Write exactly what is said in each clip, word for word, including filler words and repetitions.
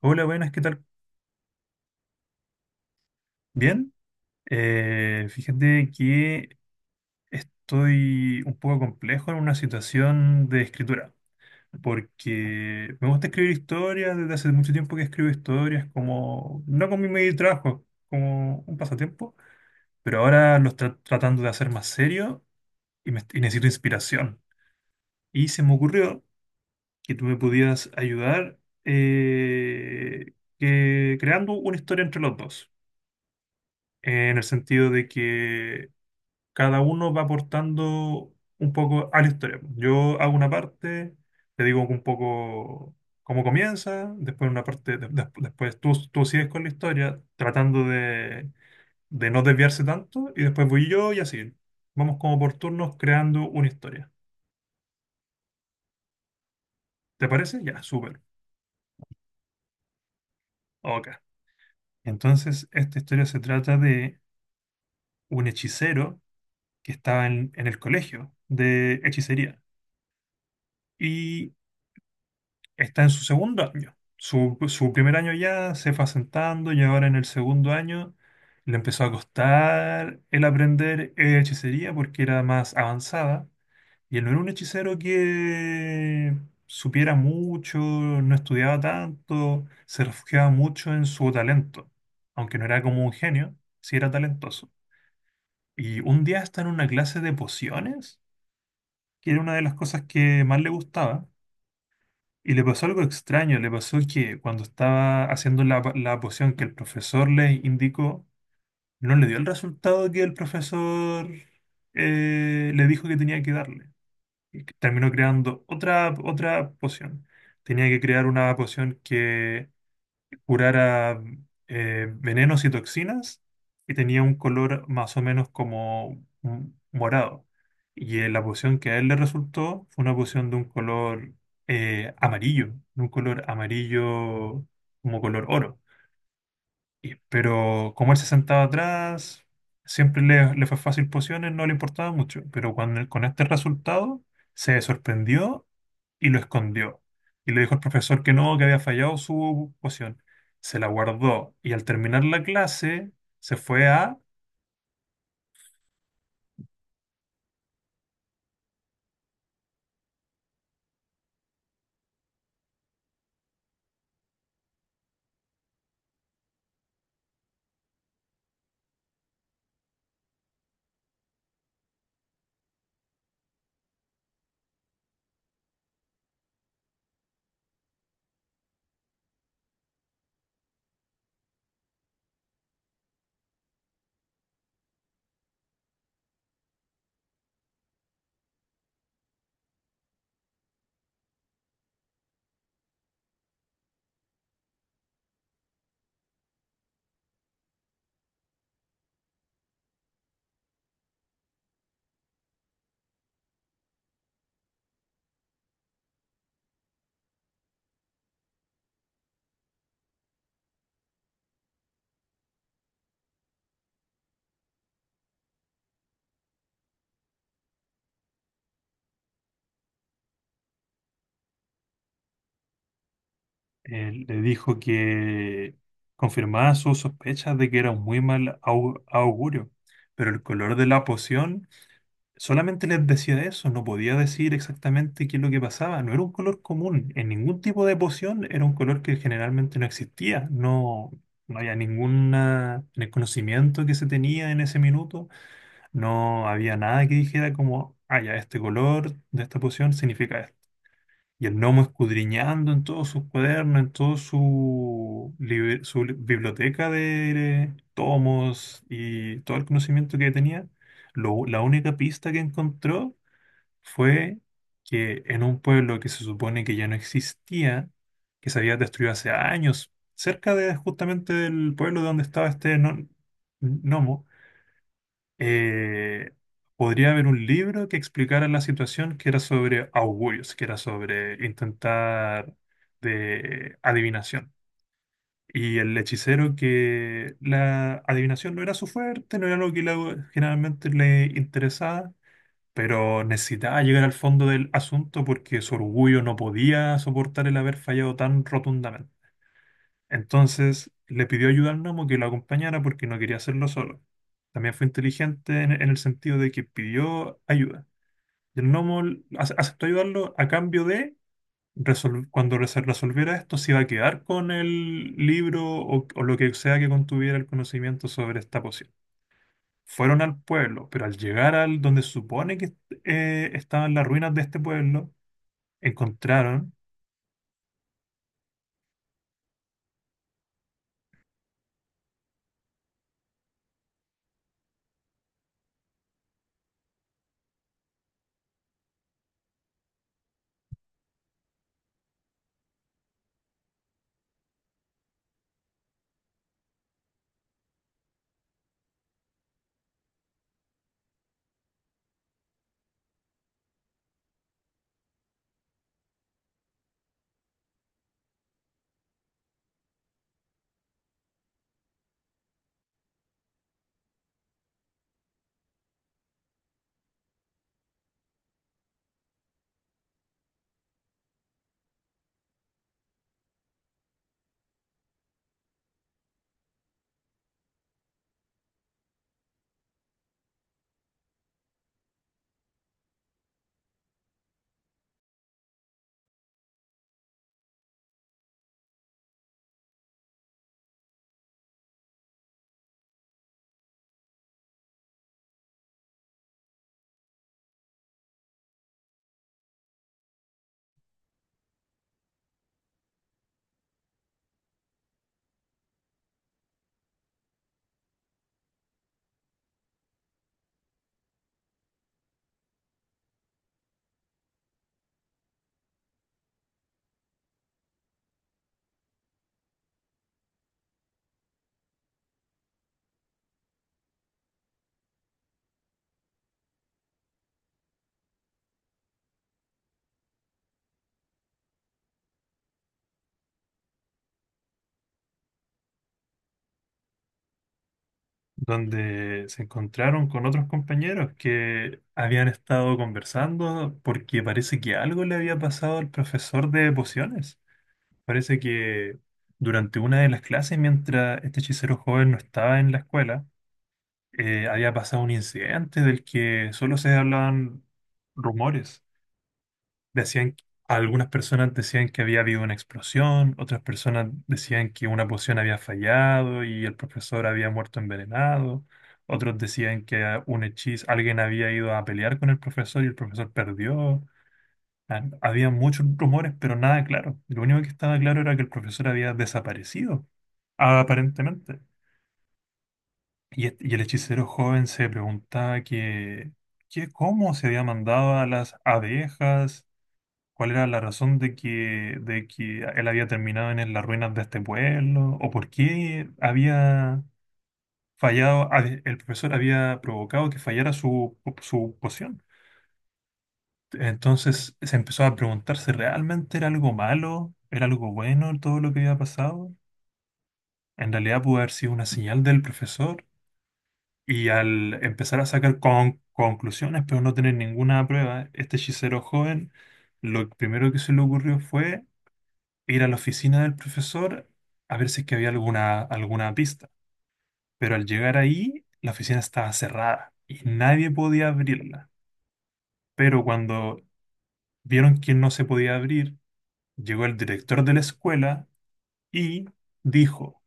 Hola, buenas, ¿qué tal? Bien. Eh, fíjate que estoy un poco complejo en una situación de escritura, porque me gusta escribir historias, desde hace mucho tiempo que escribo historias, como no con mi medio de trabajo, como un pasatiempo, pero ahora lo estoy tratando de hacer más serio y, me- y necesito inspiración. Y se me ocurrió que tú me podías ayudar eh, que- creando una historia entre los dos, en el sentido de que cada uno va aportando un poco a la historia. Yo hago una parte, te digo un poco cómo comienza, después una parte, de- de- después tú, tú sigues con la historia, tratando de, de no desviarse tanto, y después voy yo y así. Vamos como por turnos creando una historia. ¿Te parece? Ya, súper. Ok. Entonces, esta historia se trata de un hechicero que estaba en, en el colegio de hechicería. Y está en su segundo año. Su, su primer año ya se fue asentando y ahora en el segundo año le empezó a costar el aprender hechicería porque era más avanzada, y él no era un hechicero que supiera mucho, no estudiaba tanto, se refugiaba mucho en su talento. Aunque no era como un genio, sí era talentoso. Y un día está en una clase de pociones, que era una de las cosas que más le gustaba, y le pasó algo extraño. Le pasó que cuando estaba haciendo la, la poción que el profesor le indicó, no le dio el resultado que el profesor eh, le dijo que tenía que darle. Y que terminó creando otra, otra poción. Tenía que crear una poción que curara eh, venenos y toxinas, y tenía un color más o menos como un morado. Y eh, la poción que a él le resultó fue una poción de un color eh, amarillo, de un color amarillo como color oro. Y- Pero como él se sentaba atrás, siempre le, le fue fácil pociones, no le importaba mucho. Pero cuando, con este resultado, se sorprendió y lo escondió. Y le dijo al profesor que no, que había fallado su poción. Se la guardó y al terminar la clase se fue a... eh, le dijo que confirmaba sus sospechas de que era un muy mal au- augurio. Pero el color de la poción solamente les decía eso, no podía decir exactamente qué es lo que pasaba. No era un color común, en ningún tipo de poción era un color que generalmente no existía. No, no había ninguna, en el conocimiento que se tenía en ese minuto, no había nada que dijera como, ah, ya, este color de esta poción significa esto. Y el gnomo, escudriñando en todos sus cuadernos, en toda su, libr- su li- biblioteca de tomos y todo el conocimiento que tenía, lo- la única pista que encontró fue que en un pueblo que se supone que ya no existía, que se había destruido hace años, cerca de justamente del pueblo donde estaba este no- gnomo, eh, podría haber un libro que explicara la situación, que era sobre augurios, que era sobre intentar de adivinación. Y el hechicero, que la adivinación no era su fuerte, no era lo que le- generalmente le interesaba, pero necesitaba llegar al fondo del asunto porque su orgullo no podía soportar el haber fallado tan rotundamente. Entonces le pidió ayuda al gnomo, que lo acompañara porque no quería hacerlo solo. También fue inteligente en, en el sentido de que pidió ayuda. Y el gnomo ace- aceptó ayudarlo a cambio de, resol- cuando se resolviera esto, se iba a quedar con el libro o, o lo que sea que contuviera el conocimiento sobre esta poción. Fueron al pueblo, pero al llegar al donde se supone que eh, estaban las ruinas de este pueblo, encontraron, donde se encontraron con otros compañeros que habían estado conversando porque parece que algo le había pasado al profesor de pociones. Parece que durante una de las clases, mientras este hechicero joven no estaba en la escuela, eh, había pasado un incidente del que solo se hablaban rumores. Decían, algunas personas decían que había habido una explosión, otras personas decían que una poción había fallado y el profesor había muerto envenenado, otros decían que ah, un hechizo, alguien había ido a pelear con el profesor y el profesor perdió. Ah, había muchos rumores, pero nada claro. Lo único que estaba claro era que el profesor había desaparecido, aparentemente. Y, este- y el hechicero joven se preguntaba que, que cómo se había mandado a las abejas. ¿Cuál era la razón de que, de que él había terminado en el- las ruinas de este pueblo? ¿O por qué había fallado, a- el profesor había provocado que fallara su, su poción? Entonces se empezó a preguntar si realmente era algo malo, era algo bueno todo lo que había pasado. En realidad pudo haber sido una señal del profesor, y al empezar a sacar con- conclusiones, pero no tener ninguna prueba, este hechicero joven, lo primero que se le ocurrió fue ir a la oficina del profesor a ver si es que había alguna, alguna pista. Pero al llegar ahí, la oficina estaba cerrada y nadie podía abrirla. Pero cuando vieron que no se podía abrir, llegó el director de la escuela y dijo,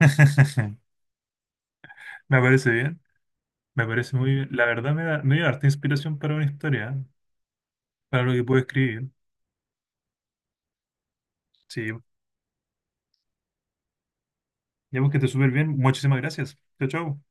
me parece bien, me parece muy bien. La verdad me da, me dio harta inspiración para una historia, ¿eh? Para lo que puedo escribir. Sí, ya que te súper bien. Muchísimas gracias. Chao, chao.